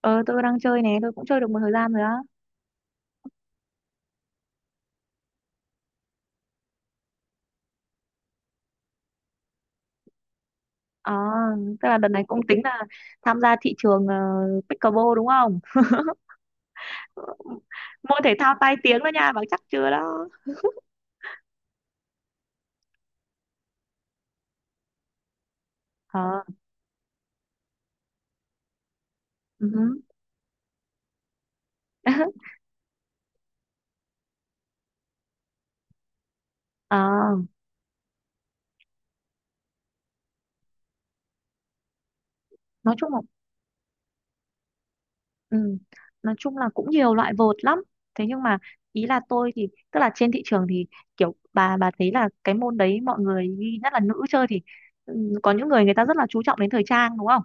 Ờ, tôi đang chơi này, tôi cũng chơi được một thời gian rồi á. À, tức là đợt này cũng tính là tham gia thị trường pickleball đúng không? Môn thể thao tai tiếng đó nha, bảo chắc chưa đó. Ờ, ừ. Hứ. Ờ, nói chung là, ừ, nói chung là cũng nhiều loại vợt lắm. Thế nhưng mà, ý là tôi thì tức là trên thị trường thì kiểu bà thấy là cái môn đấy mọi người, nhất là nữ chơi, thì ừ, có những người người ta rất là chú trọng đến thời trang đúng không?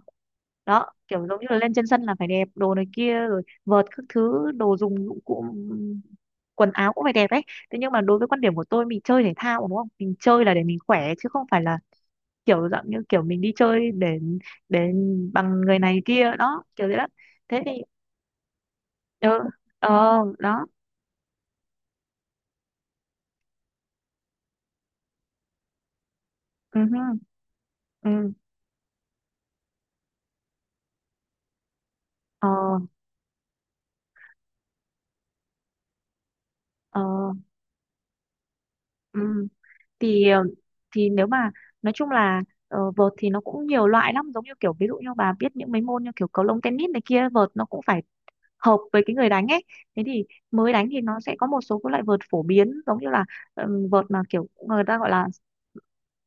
Đó, kiểu giống như là lên trên sân là phải đẹp, đồ này kia, rồi vợt, các thứ đồ dùng dụng cụ, quần áo cũng phải đẹp ấy. Thế nhưng mà đối với quan điểm của tôi, mình chơi thể thao đúng không, mình chơi là để mình khỏe chứ không phải là kiểu dạng như kiểu mình đi chơi để bằng người này kia đó, kiểu thế đó. Thế thì, ừ, ờ, đó. Ừ, hư, ừ, ờ, ờ, ừ. thì ờ, thì nếu mà nói chung là, vợt thì nó cũng nhiều loại lắm, giống như kiểu ví dụ như bà biết những mấy môn như kiểu cầu lông, tennis này kia, vợt nó cũng phải hợp với cái người đánh ấy. Thế thì mới đánh thì nó sẽ có một số các loại vợt phổ biến, giống như là vợt mà kiểu người ta gọi là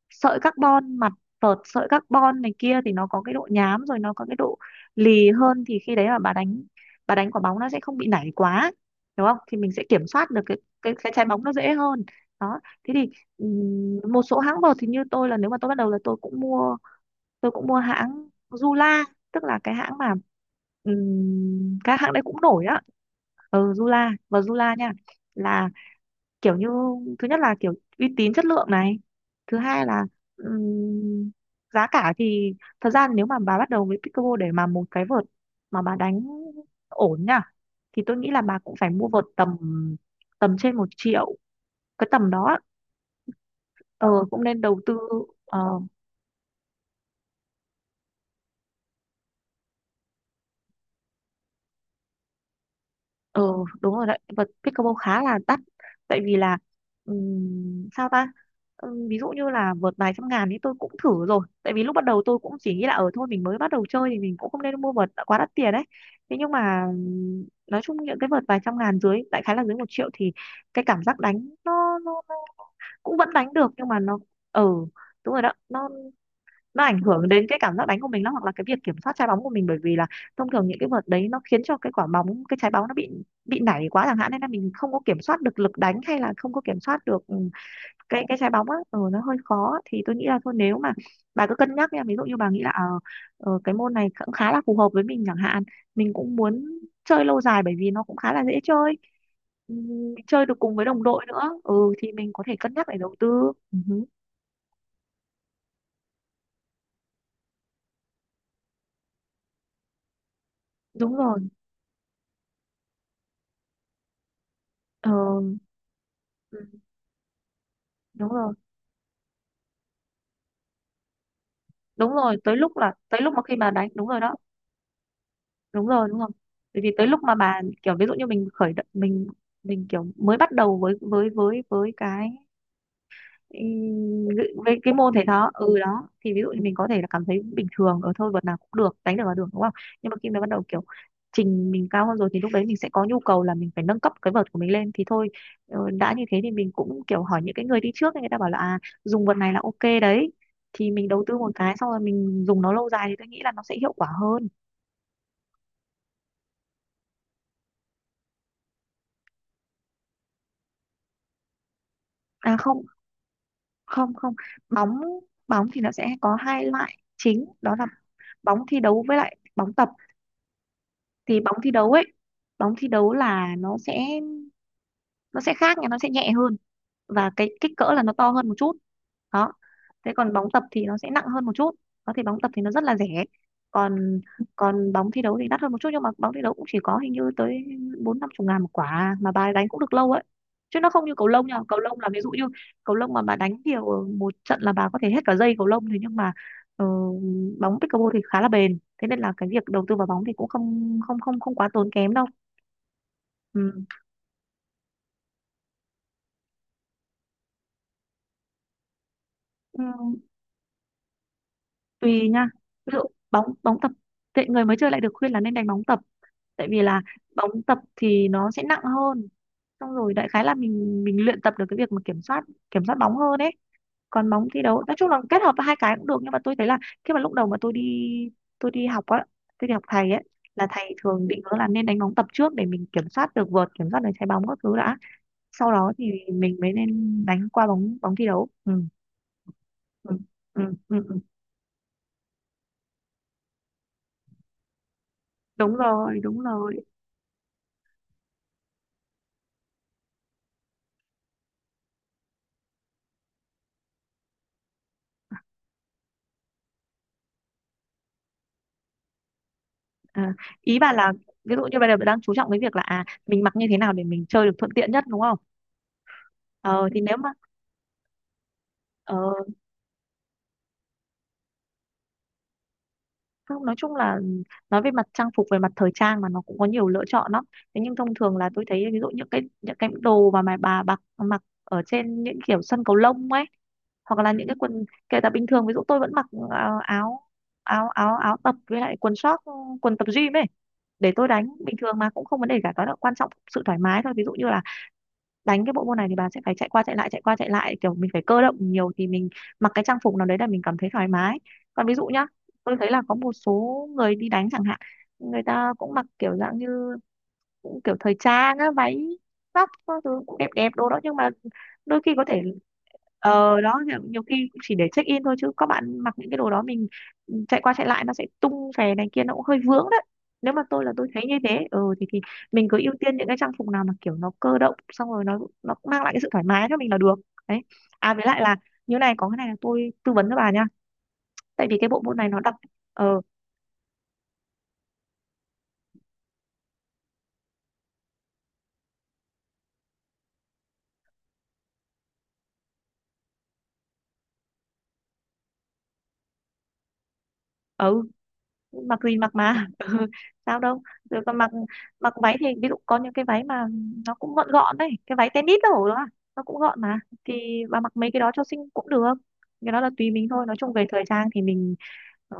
sợi carbon, mặt vợt sợi carbon này kia, thì nó có cái độ nhám, rồi nó có cái độ lì hơn, thì khi đấy mà bà đánh quả bóng nó sẽ không bị nảy quá đúng không, thì mình sẽ kiểm soát được cái cái trái bóng nó dễ hơn. Đó, thế thì một số hãng vợt thì như tôi là nếu mà tôi bắt đầu là tôi cũng mua hãng Zula, tức là cái hãng mà, các hãng đấy cũng nổi á. Ừ, Zula, và Zula nha, là kiểu như, thứ nhất là kiểu uy tín chất lượng này, thứ hai là ừm, giá cả thì, thật ra nếu mà bà bắt đầu với pickleball, để mà một cái vợt mà bà đánh ổn nha, thì tôi nghĩ là bà cũng phải mua vợt tầm, tầm trên một triệu, cái tầm đó. Ờ, cũng nên đầu tư. Ờ, ừ, đúng rồi đấy, vật pickleball khá là đắt, tại vì là, sao ta. Ví dụ như là vợt vài trăm ngàn thì tôi cũng thử rồi, tại vì lúc bắt đầu tôi cũng chỉ nghĩ là ở thôi mình mới bắt đầu chơi thì mình cũng không nên mua vợt đã quá đắt tiền đấy. Thế nhưng mà, nói chung những cái vợt vài trăm ngàn dưới, đại khái là dưới một triệu, thì cái cảm giác đánh nó cũng vẫn đánh được nhưng mà nó, ừ, đúng rồi đó, nó ảnh hưởng đến cái cảm giác đánh của mình lắm, hoặc là cái việc kiểm soát trái bóng của mình, bởi vì là thông thường những cái vợt đấy nó khiến cho cái quả bóng, cái trái bóng nó bị nảy quá chẳng hạn, nên là mình không có kiểm soát được lực đánh, hay là không có kiểm soát được, cái trái bóng á, ừ, nó hơi khó á. Thì tôi nghĩ là thôi, nếu mà bà cứ cân nhắc nha, ví dụ như bà nghĩ là, cái môn này cũng khá là phù hợp với mình chẳng hạn, mình cũng muốn chơi lâu dài bởi vì nó cũng khá là dễ chơi, ừ, mình chơi được cùng với đồng đội nữa, ừ, thì mình có thể cân nhắc để đầu tư. Ừ, đúng rồi. Ờ, ừ, đúng rồi, đúng rồi, tới lúc mà khi bà đánh. Đúng rồi đó, đúng rồi, đúng rồi, bởi vì tới lúc mà bà kiểu ví dụ như mình khởi động, mình kiểu mới bắt đầu ừ, với cái môn thể thao, ừ, đó, thì ví dụ như mình có thể là cảm thấy bình thường, ở thôi luật nào cũng được, đánh được là được đúng không. Nhưng mà khi mà bắt đầu kiểu trình mình cao hơn rồi, thì lúc đấy mình sẽ có nhu cầu là mình phải nâng cấp cái vợt của mình lên, thì thôi, đã như thế thì mình cũng kiểu hỏi những cái người đi trước ấy, người ta bảo là à, dùng vợt này là ok đấy, thì mình đầu tư một cái, xong rồi mình dùng nó lâu dài, thì tôi nghĩ là nó sẽ hiệu quả hơn. À không, không, không. Bóng bóng thì nó sẽ có hai loại chính, đó là bóng thi đấu với lại bóng tập. Thì bóng thi đấu ấy, bóng thi đấu là nó sẽ khác nha, nó sẽ nhẹ hơn và cái kích cỡ là nó to hơn một chút. Đó, thế còn bóng tập thì nó sẽ nặng hơn một chút. Có, thì bóng tập thì nó rất là rẻ, còn còn bóng thi đấu thì đắt hơn một chút, nhưng mà bóng thi đấu cũng chỉ có hình như tới bốn năm chục ngàn một quả mà bà đánh cũng được lâu ấy, chứ nó không như cầu lông nha. Cầu lông là ví dụ như cầu lông mà bà đánh nhiều, một trận là bà có thể hết cả dây cầu lông. Thế nhưng mà ờ, bóng pickleball thì khá là bền, thế nên là cái việc đầu tư vào bóng thì cũng không không không không quá tốn kém đâu. Ừ. Ừ. Tùy nha, ví dụ bóng bóng tập, tệ người mới chơi lại được khuyên là nên đánh bóng tập, tại vì là bóng tập thì nó sẽ nặng hơn, xong rồi đại khái là mình luyện tập được cái việc mà kiểm soát bóng hơn ấy. Còn bóng thi đấu, nói chung là kết hợp hai cái cũng được, nhưng mà tôi thấy là khi mà lúc đầu mà tôi đi học á tôi đi học thầy ấy, là thầy thường định hướng là nên đánh bóng tập trước, để mình kiểm soát được vợt, kiểm soát được trái bóng các thứ đã, sau đó thì mình mới nên đánh qua bóng bóng thi đấu, ừ. Ừ. Ừ. Ừ. Ừ. Ừ. Đúng rồi, đúng rồi. À, ý bà là ví dụ như bây giờ bạn đang chú trọng cái việc là à, mình mặc như thế nào để mình chơi được thuận tiện nhất đúng không? Ờ thì nếu mà, ờ, không, nói chung là nói về mặt trang phục, về mặt thời trang mà, nó cũng có nhiều lựa chọn lắm. Thế nhưng thông thường là tôi thấy ví dụ những cái đồ mà bà mặc mặc ở trên những kiểu sân cầu lông ấy, hoặc là những cái quần, kể cả bình thường ví dụ tôi vẫn mặc, áo áo áo áo tập với lại quần short, quần tập gym ấy, để tôi đánh bình thường mà cũng không vấn đề cả. Đó là quan trọng sự thoải mái thôi, ví dụ như là đánh cái bộ môn này thì bà sẽ phải chạy qua chạy lại, chạy qua chạy lại, kiểu mình phải cơ động nhiều, thì mình mặc cái trang phục nào đấy là mình cảm thấy thoải mái. Còn ví dụ nhá, tôi thấy là có một số người đi đánh chẳng hạn, người ta cũng mặc kiểu dạng như, cũng kiểu thời trang á, váy, tóc các thứ cũng đẹp đẹp đồ đó, nhưng mà đôi khi có thể, ờ, đó, nhiều, nhiều khi chỉ để check in thôi, chứ các bạn mặc những cái đồ đó, mình chạy qua chạy lại nó sẽ tung xè này kia, nó cũng hơi vướng đấy. Nếu mà tôi, là tôi thấy như thế, ừ thì mình cứ ưu tiên những cái trang phục nào mà kiểu nó cơ động, xong rồi nó mang lại cái sự thoải mái cho mình là được. Đấy, à với lại là, như này, có cái này là tôi tư vấn cho bà nha, tại vì cái bộ môn này nó đặc. Ờ, ừ, mặc gì mặc mà. Ừ, sao đâu. Rồi, còn mặc, mặc váy thì ví dụ có những cái váy mà nó cũng gọn gọn đấy, cái váy tennis đâu đó à, nó cũng gọn mà, thì bà mặc mấy cái đó cho xinh cũng được. Cái đó là tùy mình thôi, nói chung về thời trang thì mình, ờ,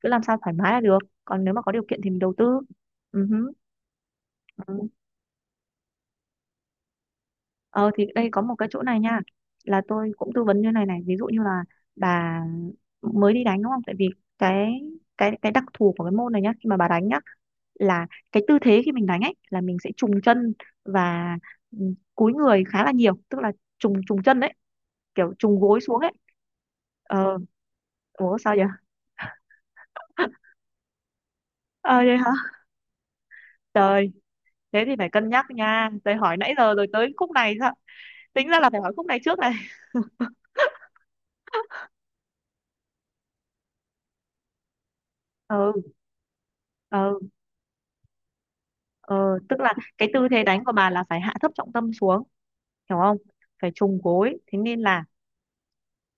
cứ làm sao thoải mái là được. Còn nếu mà có điều kiện thì mình đầu tư. Ừ, hứ, ừ. Ờ thì đây có một cái chỗ này nha, là tôi cũng tư vấn như này này. Ví dụ như là bà mới đi đánh đúng không, tại vì cái cái đặc thù của cái môn này nhá. Khi mà bà đánh nhá, là cái tư thế khi mình đánh ấy là mình sẽ trùng chân và ừ, cúi người khá là nhiều, tức là trùng trùng chân đấy, kiểu trùng gối xuống ấy. Ờ, ủa sao vậy? Ờ vậy hả, trời. Thế thì phải cân nhắc nha, tôi hỏi nãy giờ rồi tới khúc này sao. Tính ra là phải hỏi khúc này trước này. Ừ. Ờ. Ờ, tức là cái tư thế đánh của bà là phải hạ thấp trọng tâm xuống, hiểu không? Phải trùng gối, thế nên là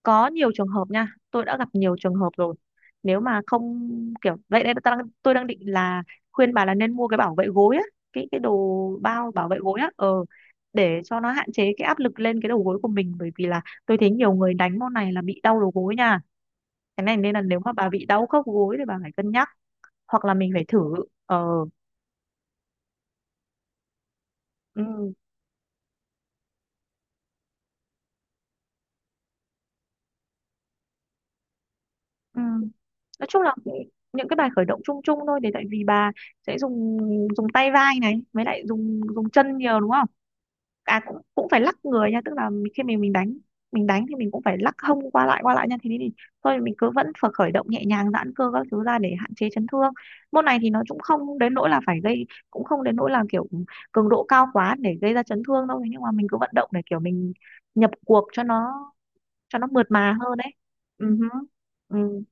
có nhiều trường hợp nha, tôi đã gặp nhiều trường hợp rồi. Nếu mà không kiểu vậy đây, tôi đang định là khuyên bà là nên mua cái bảo vệ gối á, cái đồ bao bảo vệ gối á. Ờ, để cho nó hạn chế cái áp lực lên cái đầu gối của mình, bởi vì là tôi thấy nhiều người đánh môn này là bị đau đầu gối nha. Cái này nên là nếu mà bà bị đau khớp gối thì bà phải cân nhắc, hoặc là mình phải thử. Ờ. Ừ. Ừ. Nói chung là những cái bài khởi động chung chung thôi, để tại vì bà sẽ dùng dùng tay vai này, với lại dùng dùng chân nhiều đúng không? À, cũng cũng phải lắc người nha, tức là khi mình đánh, mình đánh thì mình cũng phải lắc hông qua lại nha, thì thôi mình cứ vẫn phải khởi động nhẹ nhàng, giãn cơ các thứ ra để hạn chế chấn thương. Môn này thì nó cũng không đến nỗi là phải gây, cũng không đến nỗi là kiểu cường độ cao quá để gây ra chấn thương đâu. Thế nhưng mà mình cứ vận động để kiểu mình nhập cuộc cho nó, cho nó mượt mà hơn đấy. Ừ, hứ. Ừ.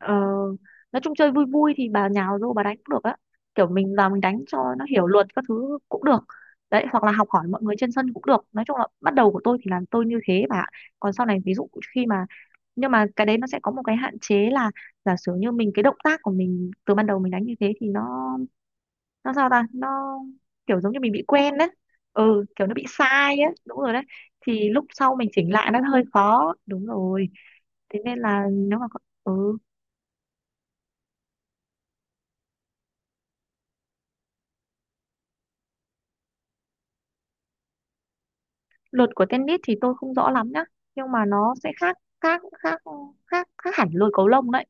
Ờ, nói chung chơi vui vui thì bà nhào vô bà đánh cũng được á, kiểu mình vào mình đánh cho nó hiểu luật các thứ cũng được đấy, hoặc là học hỏi mọi người trên sân cũng được. Nói chung là bắt đầu của tôi thì là tôi như thế mà. Còn sau này ví dụ khi mà, nhưng mà cái đấy nó sẽ có một cái hạn chế là giả sử như mình, cái động tác của mình từ ban đầu mình đánh như thế thì nó sao ta, nó kiểu giống như mình bị quen đấy. Ừ, kiểu nó bị sai á, đúng rồi đấy. Thì lúc sau mình chỉnh lại nó hơi khó, đúng rồi. Thế nên là nếu mà có- ừ. Luật của tennis thì tôi không rõ lắm nhá, nhưng mà nó sẽ khác khác khác hẳn lôi cầu lông đấy.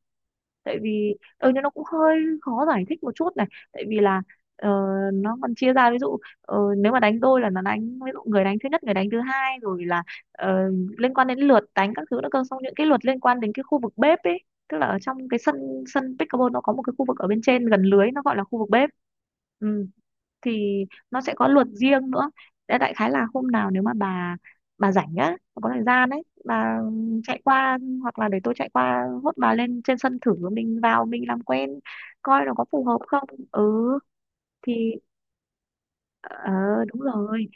Tại vì ừ, nhưng nó cũng hơi khó giải thích một chút này, tại vì là ờ, nó còn chia ra. Ví dụ nếu mà đánh đôi là nó đánh, ví dụ người đánh thứ nhất, người đánh thứ hai, rồi là ờ, liên quan đến lượt đánh các thứ nữa cơ, xong những cái luật liên quan đến cái khu vực bếp ấy. Tức là ở trong cái sân, sân pickleball nó có một cái khu vực ở bên trên gần lưới nó gọi là khu vực bếp. Ừ, thì nó sẽ có luật riêng nữa. Thế đại khái là hôm nào nếu mà bà rảnh á, bà có thời gian ấy, bà chạy qua, hoặc là để tôi chạy qua hốt bà lên trên sân thử, mình vào mình làm quen coi nó có phù hợp không. Ừ. Thì ờ, đúng rồi,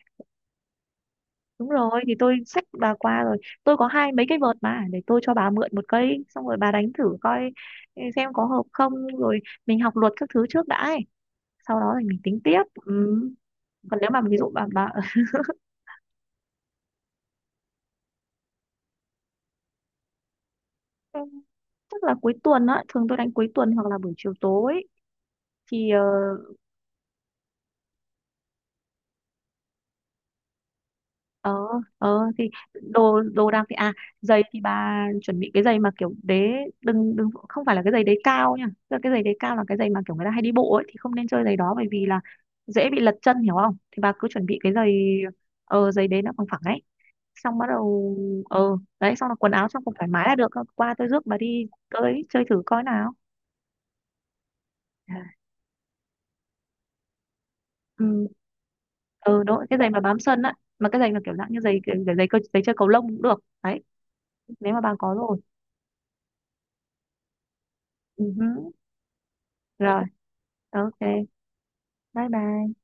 đúng rồi, thì tôi xách bà qua rồi. Tôi có hai mấy cái vợt mà, để tôi cho bà mượn một cây, xong rồi bà đánh thử coi, ừ, xem có hợp không. Rồi mình học luật các thứ trước đã ấy, sau đó thì mình tính tiếp. Ừ. Còn nếu mà ví dụ bà ừ, chắc là cuối tuần á, thường tôi đánh cuối tuần hoặc là buổi chiều tối. Thì ờ. Ờ, thì đồ đồ đạc thì à, giày thì bà chuẩn bị cái giày mà kiểu đế, đừng đừng không phải là cái giày đế cao nha. Tức là cái giày đế cao là cái giày mà kiểu người ta hay đi bộ ấy, thì không nên chơi giày đó, bởi vì là dễ bị lật chân, hiểu không? Thì bà cứ chuẩn bị cái giày, ờ, giày đế nó bằng phẳng ấy, xong bắt đầu. Ờ, đấy, xong là quần áo trong cũng thoải mái là được. Qua tôi rước bà đi tới chơi thử coi nào. Ừ, ừ đúng rồi, cái giày mà bám sân á. Mà cái giày là kiểu dạng như giày, giày, cơ- giày chơi cầu lông cũng được đấy, nếu mà bà có rồi. Ừ hứ. Rồi, ok, bye bye.